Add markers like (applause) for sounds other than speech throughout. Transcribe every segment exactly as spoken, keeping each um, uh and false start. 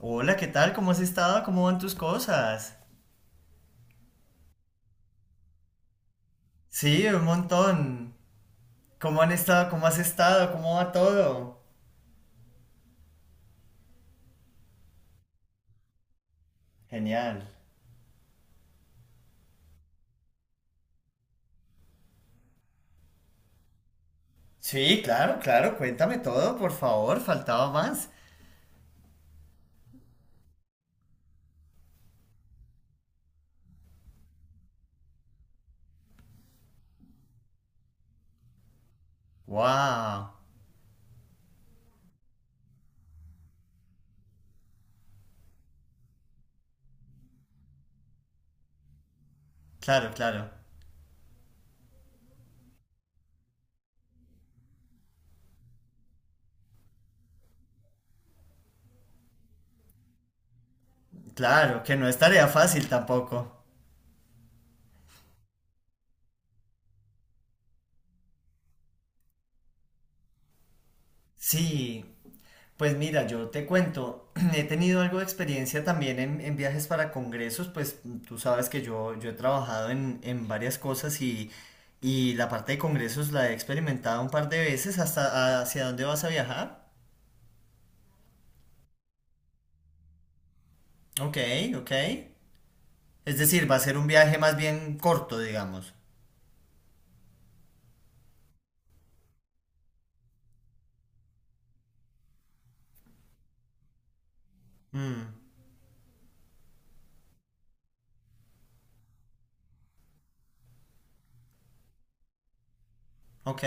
Hola, ¿qué tal? ¿Cómo has estado? ¿Cómo van tus cosas? Sí, un montón. ¿Cómo han estado? ¿Cómo has estado? ¿Cómo va todo? Genial. Sí, claro, claro, cuéntame todo, por favor, faltaba más. Wow. Claro, claro. Claro, que no es tarea fácil tampoco. Sí, pues mira, yo te cuento, (clears throat) he tenido algo de experiencia también en, en viajes para congresos, pues tú sabes que yo, yo he trabajado en, en varias cosas y, y la parte de congresos la he experimentado un par de veces. ¿Hasta hacia dónde vas a viajar? Ok, ok. Es decir, va a ser un viaje más bien corto, digamos. Mm, ok.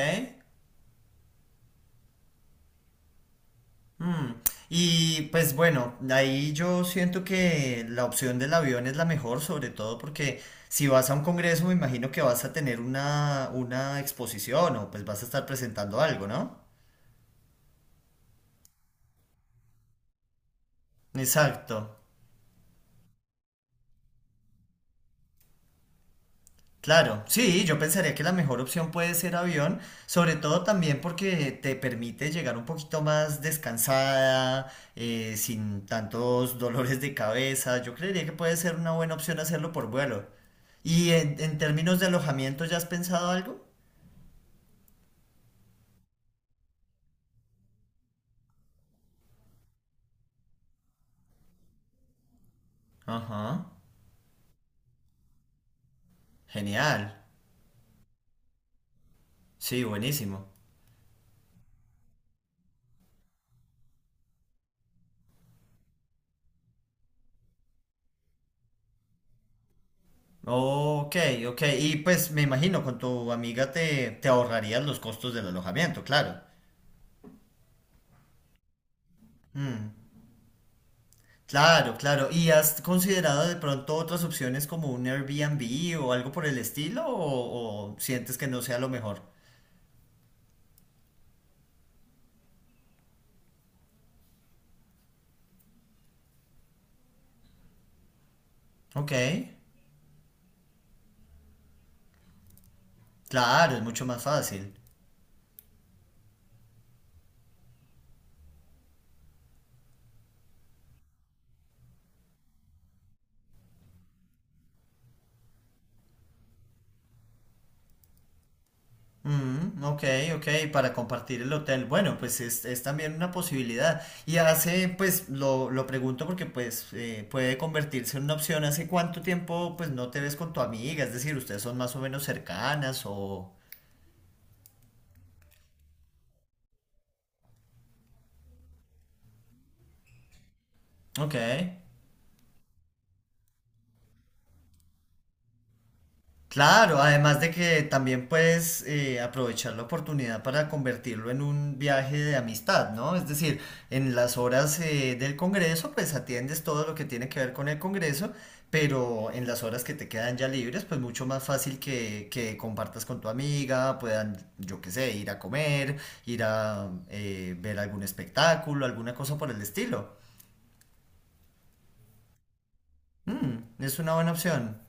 Mm, y pues bueno, ahí yo siento que la opción del avión es la mejor, sobre todo porque si vas a un congreso me imagino que vas a tener una, una exposición o pues vas a estar presentando algo, ¿no? Exacto. Claro, sí, yo pensaría que la mejor opción puede ser avión, sobre todo también porque te permite llegar un poquito más descansada, eh, sin tantos dolores de cabeza. Yo creería que puede ser una buena opción hacerlo por vuelo. ¿Y en, en términos de alojamiento ya has pensado algo? Ajá, genial. Sí, buenísimo. Ok, ok. Y pues me imagino, con tu amiga te, te ahorrarías los costos del alojamiento, claro. Mm. Claro, claro. ¿Y has considerado de pronto otras opciones como un Airbnb o algo por el estilo? ¿O, o sientes que no sea lo mejor? Ok, claro, es mucho más fácil. Mm, ok, ok, para compartir el hotel. Bueno, pues es, es también una posibilidad. Y hace, pues lo, lo pregunto porque pues eh, puede convertirse en una opción. ¿Hace cuánto tiempo pues no te ves con tu amiga? Es decir, ustedes son más o menos cercanas o... Ok. Claro, además de que también puedes eh, aprovechar la oportunidad para convertirlo en un viaje de amistad, ¿no? Es decir, en las horas eh, del Congreso, pues atiendes todo lo que tiene que ver con el Congreso, pero en las horas que te quedan ya libres, pues mucho más fácil que, que compartas con tu amiga, puedan, yo qué sé, ir a comer, ir a eh, ver algún espectáculo, alguna cosa por el estilo. Mm, es una buena opción.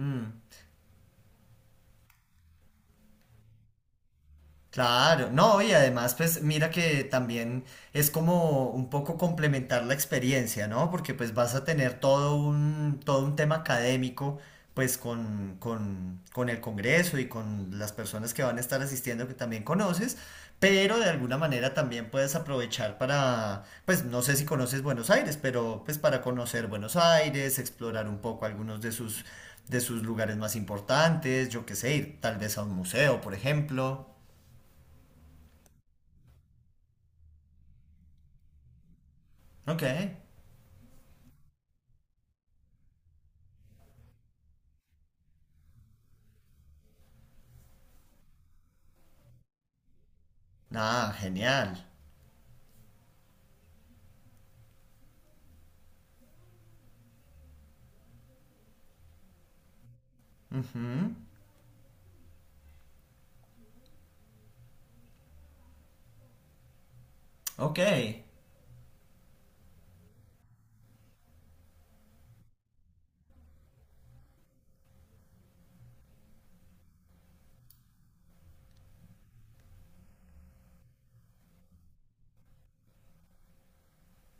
Mm. Claro, no, y además, pues mira que también es como un poco complementar la experiencia, ¿no? Porque pues vas a tener todo un, todo un tema académico, pues con, con, con el Congreso y con las personas que van a estar asistiendo que también conoces, pero de alguna manera también puedes aprovechar para, pues no sé si conoces Buenos Aires, pero pues para conocer Buenos Aires, explorar un poco algunos de sus, de sus lugares más importantes, yo qué sé, ir tal vez a un museo, por ejemplo. Ok. Ah, genial. Ujú. Ok.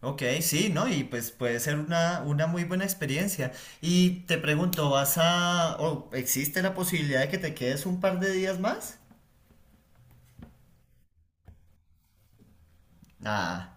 Ok, sí, ¿no? Y pues puede ser una, una muy buena experiencia. Y te pregunto, ¿vas a... o existe la posibilidad de que te quedes un par de días más? Ah.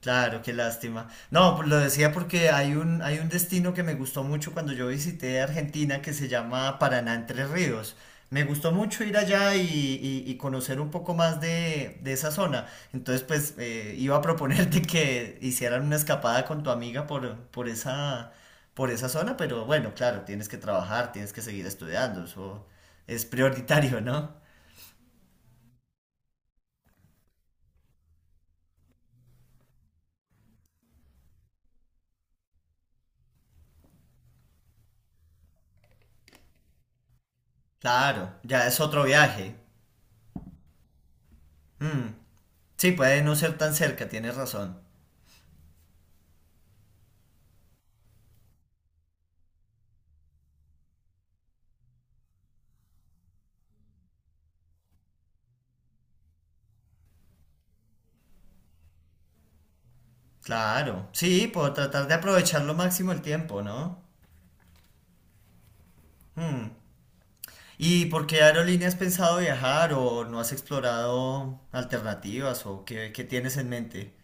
Claro, qué lástima. No, pues lo decía porque hay un, hay un destino que me gustó mucho cuando yo visité Argentina que se llama Paraná Entre Ríos. Me gustó mucho ir allá y, y- y conocer un poco más de, de esa zona. Entonces, pues eh, iba a proponerte que hicieran una escapada con tu amiga por, por esa, por esa zona, pero bueno, claro, tienes que trabajar, tienes que seguir estudiando, eso es prioritario, ¿no? Claro, ya es otro viaje. Mm, sí, puede no ser tan cerca, tienes razón. Claro, sí, por tratar de aprovechar lo máximo el tiempo, ¿no? Mm. ¿Y por qué aerolínea has pensado viajar o no has explorado alternativas o qué, qué tienes en mente?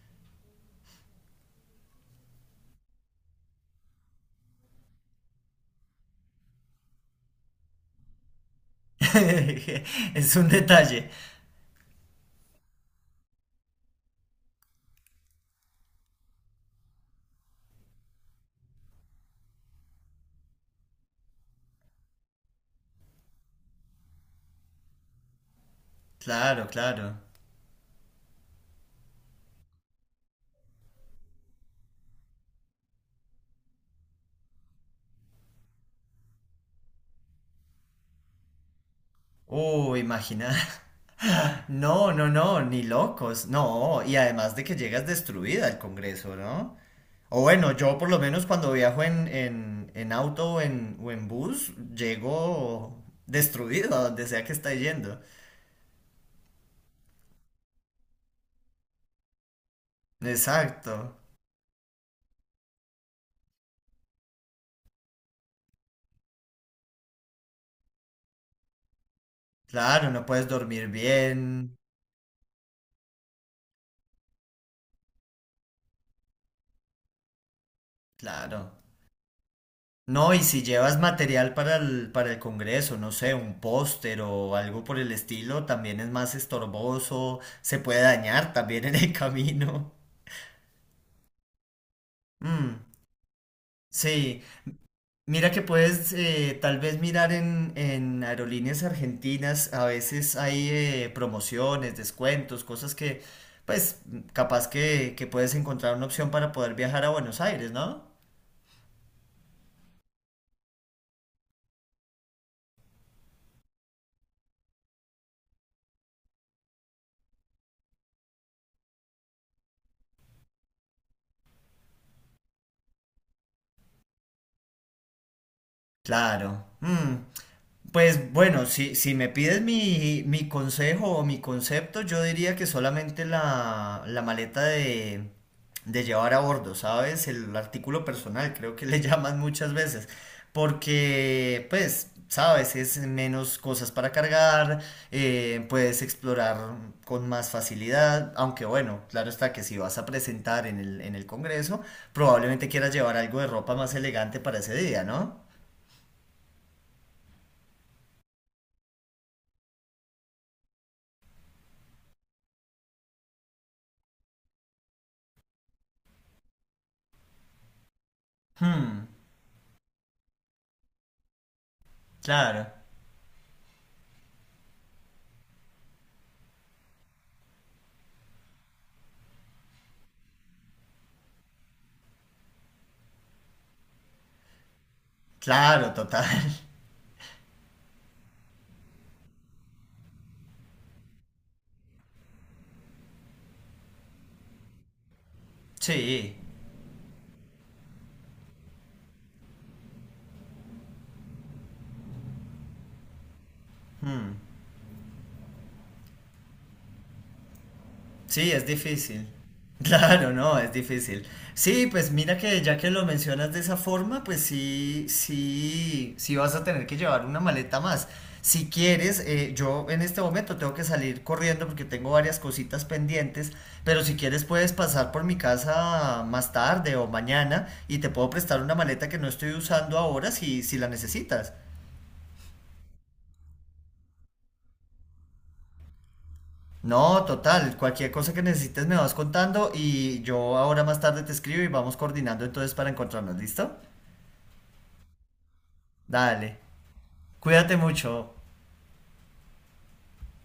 (laughs) Es un detalle. Claro, claro. Uh, imagina. (laughs) No, no, no, ni locos. No, y además de que llegas destruida al Congreso, ¿no? O bueno, yo por lo menos cuando viajo en, en, en auto o en, o en bus, llego destruido a donde sea que esté yendo. Exacto. Claro, no puedes dormir bien. Claro. No, y si llevas material para el, para el Congreso, no sé, un póster o algo por el estilo, también es más estorboso, se puede dañar también en el (laughs) camino. Mm, sí, mira que puedes eh, tal vez mirar en, en aerolíneas argentinas, a veces hay eh, promociones, descuentos, cosas que, pues, capaz que, que puedes encontrar una opción para poder viajar a Buenos Aires, ¿no? Claro. Mm, pues bueno, si, si me pides mi, mi consejo o mi concepto, yo diría que solamente la, la maleta de, de llevar a bordo, ¿sabes? El artículo personal, creo que le (laughs) llaman muchas veces. Porque, pues, sabes, es menos cosas para cargar, eh, puedes explorar con más facilidad, aunque bueno, claro está que si vas a presentar en el, en el Congreso, probablemente quieras llevar algo de ropa más elegante para ese día, ¿no? Hmm. Claro, claro, total. (laughs) Sí, mm, sí, es difícil. (laughs) Claro, no, es difícil. Sí, pues mira que ya que lo mencionas de esa forma, pues sí, sí, sí vas a tener que llevar una maleta más. Si quieres, eh, yo en este momento tengo que salir corriendo porque tengo varias cositas pendientes, pero si quieres puedes pasar por mi casa más tarde o mañana y te puedo prestar una maleta que no estoy usando ahora si, si la necesitas. No, total, cualquier cosa que necesites me vas contando y yo ahora más tarde te escribo y vamos coordinando entonces para encontrarnos, ¿listo? Dale, cuídate mucho.